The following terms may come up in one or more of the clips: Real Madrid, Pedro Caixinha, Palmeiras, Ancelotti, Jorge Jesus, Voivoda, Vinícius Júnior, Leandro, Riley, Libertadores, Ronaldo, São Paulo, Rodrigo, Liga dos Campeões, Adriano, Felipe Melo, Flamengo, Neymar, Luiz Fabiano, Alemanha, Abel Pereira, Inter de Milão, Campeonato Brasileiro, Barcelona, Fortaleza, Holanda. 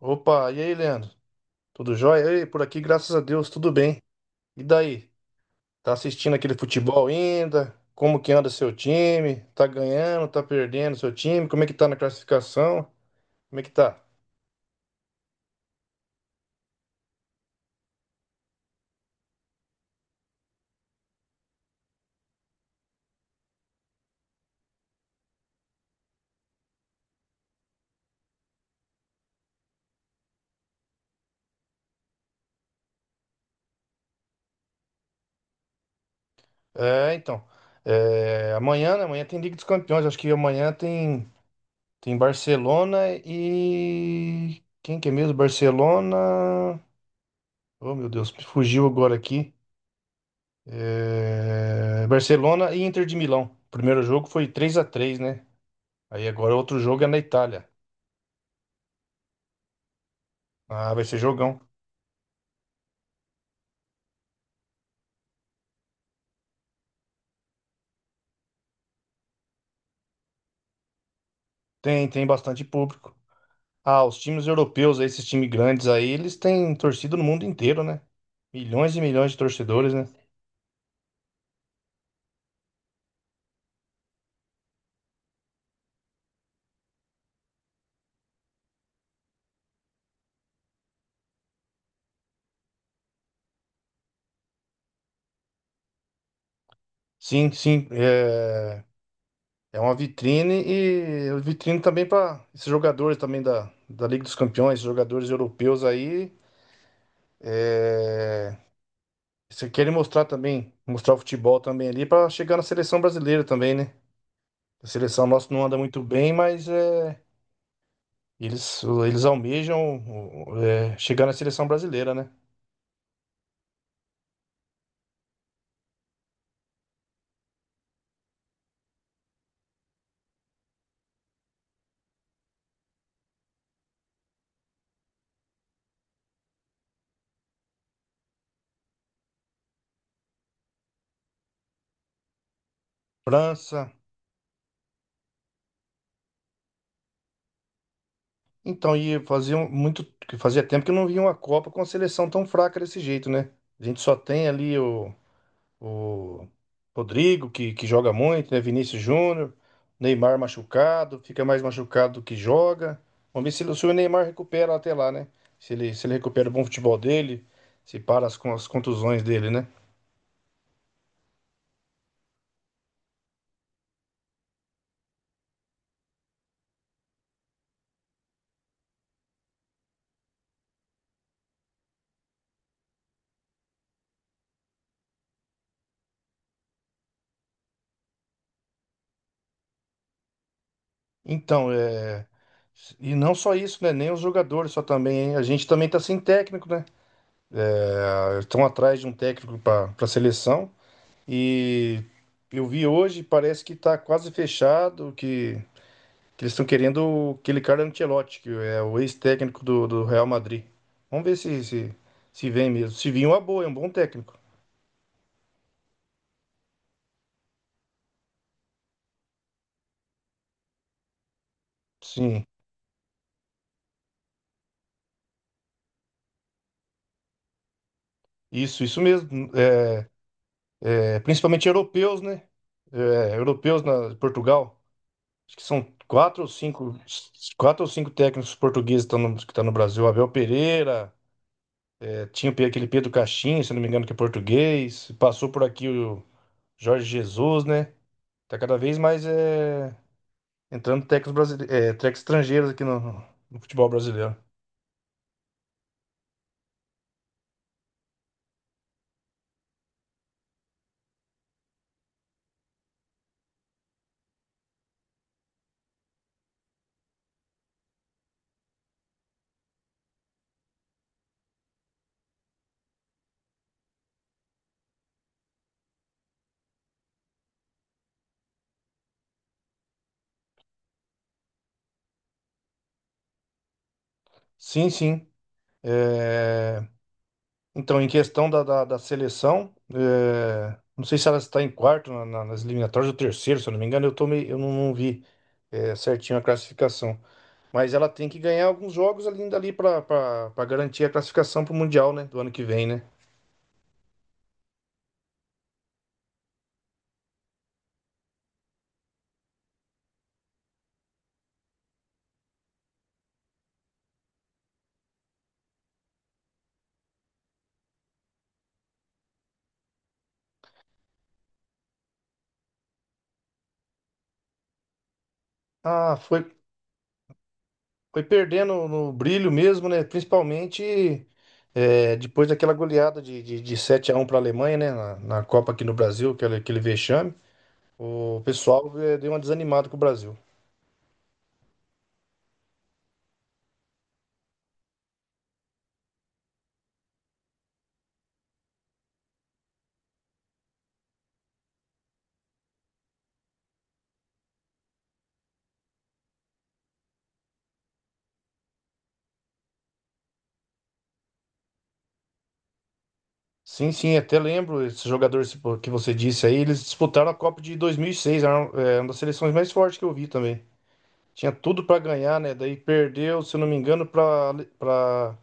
Opa, e aí, Leandro? Tudo jóia? Ei, por aqui, graças a Deus, tudo bem. E daí? Tá assistindo aquele futebol ainda? Como que anda seu time? Tá ganhando, tá perdendo seu time? Como é que tá na classificação? Como é que tá? É, então. Amanhã, né? Amanhã tem Liga dos Campeões. Acho que amanhã tem Barcelona e. Quem que é mesmo? Barcelona. Oh, meu Deus, me fugiu agora aqui. É, Barcelona e Inter de Milão. O primeiro jogo foi três a três, né? Aí agora outro jogo é na Itália. Ah, vai ser jogão. Tem bastante público. Ah, os times europeus, esses times grandes aí, eles têm torcida no mundo inteiro, né? Milhões e milhões de torcedores, né? Sim, sim. É, é uma vitrine e é vitrine também para esses jogadores também da Liga dos Campeões, esses jogadores europeus aí. É, se querem mostrar também, mostrar o futebol também ali para chegar na seleção brasileira também, né? A seleção nossa não anda muito bem, mas é. Eles almejam chegar na seleção brasileira, né? França. Então, e fazia tempo que eu não via uma Copa com a seleção tão fraca desse jeito, né? A gente só tem ali o Rodrigo, que joga muito, né? Vinícius Júnior, Neymar machucado, fica mais machucado do que joga. Vamos ver se, se o Neymar recupera até lá, né? Se ele, se ele recupera o bom futebol dele, se para as, as contusões dele, né? Então, é... e não só isso, né? Nem os jogadores, só também. A gente também tá sem técnico, né? Ah, estão atrás de um técnico para a seleção. E eu vi hoje, parece que tá quase fechado, que eles estão querendo aquele cara Ancelotti, que é o ex-técnico do Real Madrid. Vamos ver se vem mesmo. Se vir, é uma boa, é um bom técnico. Sim, isso mesmo. É, principalmente europeus, né? É, europeus na Portugal. Acho que são quatro ou cinco técnicos portugueses que estão que estão no Brasil. Abel Pereira, tinha o aquele Pedro Caixinha, se não me engano, que é português. Passou por aqui o Jorge Jesus, né? Tá cada vez mais entrando técnicos, brasileiros técnicos estrangeiros aqui no futebol brasileiro. Sim, sim. Eh, Então, em questão da seleção, não sei se ela está em quarto nas eliminatórias ou terceiro, se eu não me engano, eu, eu não vi certinho a classificação. Mas ela tem que ganhar alguns jogos ali, ainda ali pra pra garantir a classificação pro Mundial, né? Do ano que vem, né? Ah, foi perdendo no brilho mesmo, né? Principalmente depois daquela goleada de 7x1 para a Alemanha, né? Na Copa aqui no Brasil, aquele vexame. O pessoal deu uma desanimada com o Brasil. Sim, sim, até lembro esse jogador esse que você disse aí. Eles disputaram a Copa de 2006, era é uma das seleções mais fortes que eu vi também. Tinha tudo para ganhar, né? Daí perdeu, se eu não me engano, para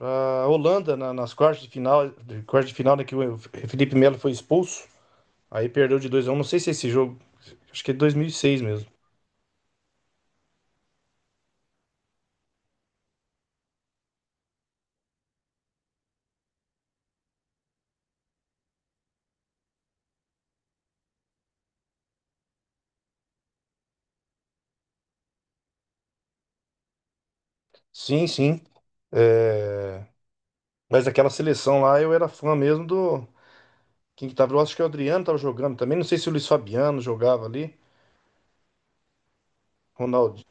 ah, a Holanda nas quartas de final, quartas de final, né, que o Felipe Melo foi expulso. Aí perdeu de 2 a um. Não sei se é esse jogo, acho que é de dois mil e seis mesmo. Sim, sim. É, mas aquela seleção lá eu era fã mesmo do quem que tava, eu acho que o Adriano tava jogando também, não sei se o Luiz Fabiano jogava ali. Ronaldo,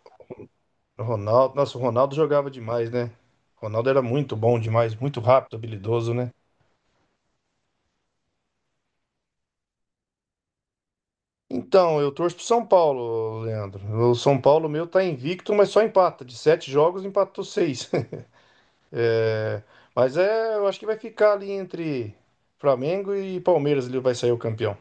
Ronaldo, nossa, o Ronaldo jogava demais, né? O Ronaldo era muito bom demais, muito rápido, habilidoso, né? Então, eu torço pro São Paulo, Leandro. O São Paulo meu tá invicto, mas só empata. De sete jogos, empatou seis. É, mas é, eu acho que vai ficar ali entre Flamengo e Palmeiras, ele vai sair o campeão.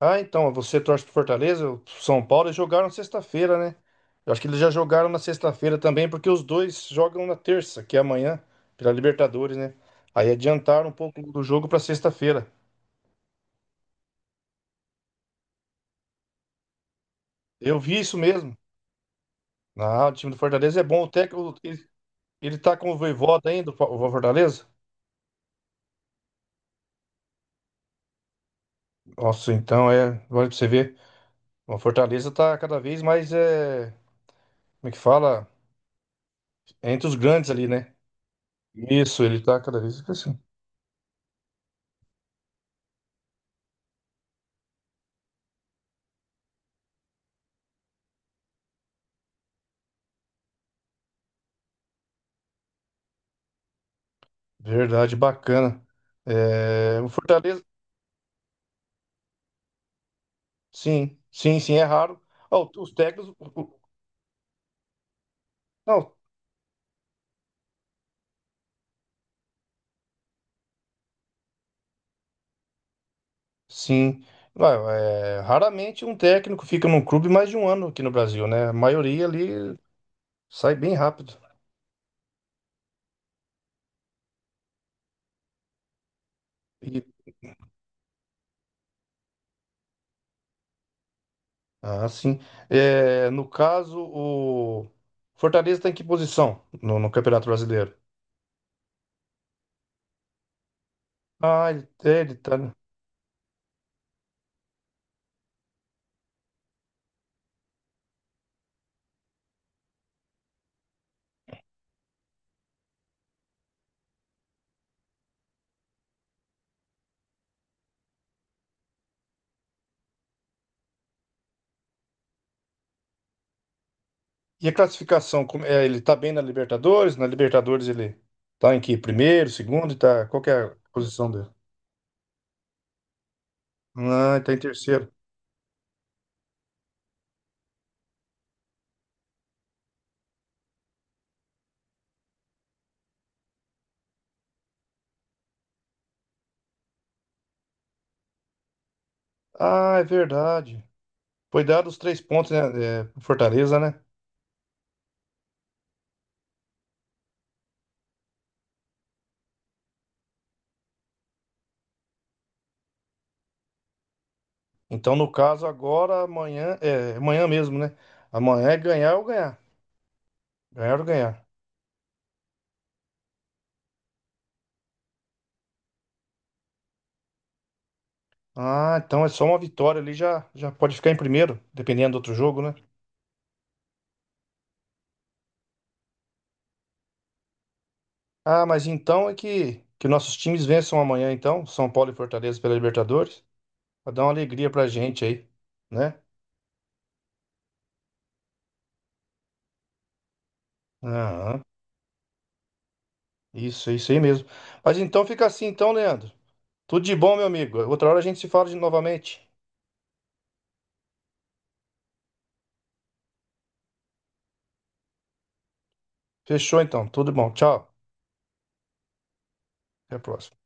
Ah, então, você torce pro Fortaleza, o São Paulo, eles jogaram sexta-feira, né? Eu acho que eles já jogaram na sexta-feira também, porque os dois jogam na terça, que é amanhã, pela Libertadores, né? Aí adiantaram um pouco do jogo pra sexta-feira. Eu vi isso mesmo. Ah, o time do Fortaleza é bom. O técnico, ele tá com o Voivoda ainda, o o Fortaleza? Nossa, então é, olha pra você ver. O Fortaleza tá cada vez mais é, como é que fala? É entre os grandes ali, né? Isso, ele tá cada vez crescendo. Verdade, bacana. É, o Fortaleza, sim, sim, sim, é raro. Ó, os técnicos, não, sim. Vai, é, raramente um técnico fica num clube mais de um ano aqui no Brasil, né? A maioria ali sai bem rápido. E- ah, sim. É, no caso, o Fortaleza tá em que posição no Campeonato Brasileiro? Ah, ele, é, ele tá. E a classificação, é, ele tá bem na Libertadores? Na Libertadores ele tá em que? Primeiro, segundo, e tá, qual que é a posição dele? Ah, ele tá em terceiro. Ah, é verdade. Foi dado os três pontos, né, é, pro Fortaleza, né? Então, no caso, agora, é, amanhã mesmo, né? Amanhã é ganhar ou ganhar. Ganhar ou ganhar. Ah, então é só uma vitória ali, já pode ficar em primeiro, dependendo do outro jogo, né? Ah, mas então é que nossos times vençam amanhã, então, São Paulo e Fortaleza pela Libertadores. Pra dar uma alegria pra gente aí, né? Aham. Isso aí mesmo. Mas então fica assim, então, Leandro. Tudo de bom, meu amigo. Outra hora a gente se fala de novamente. Fechou, então. Tudo de bom. Tchau. Até a próxima.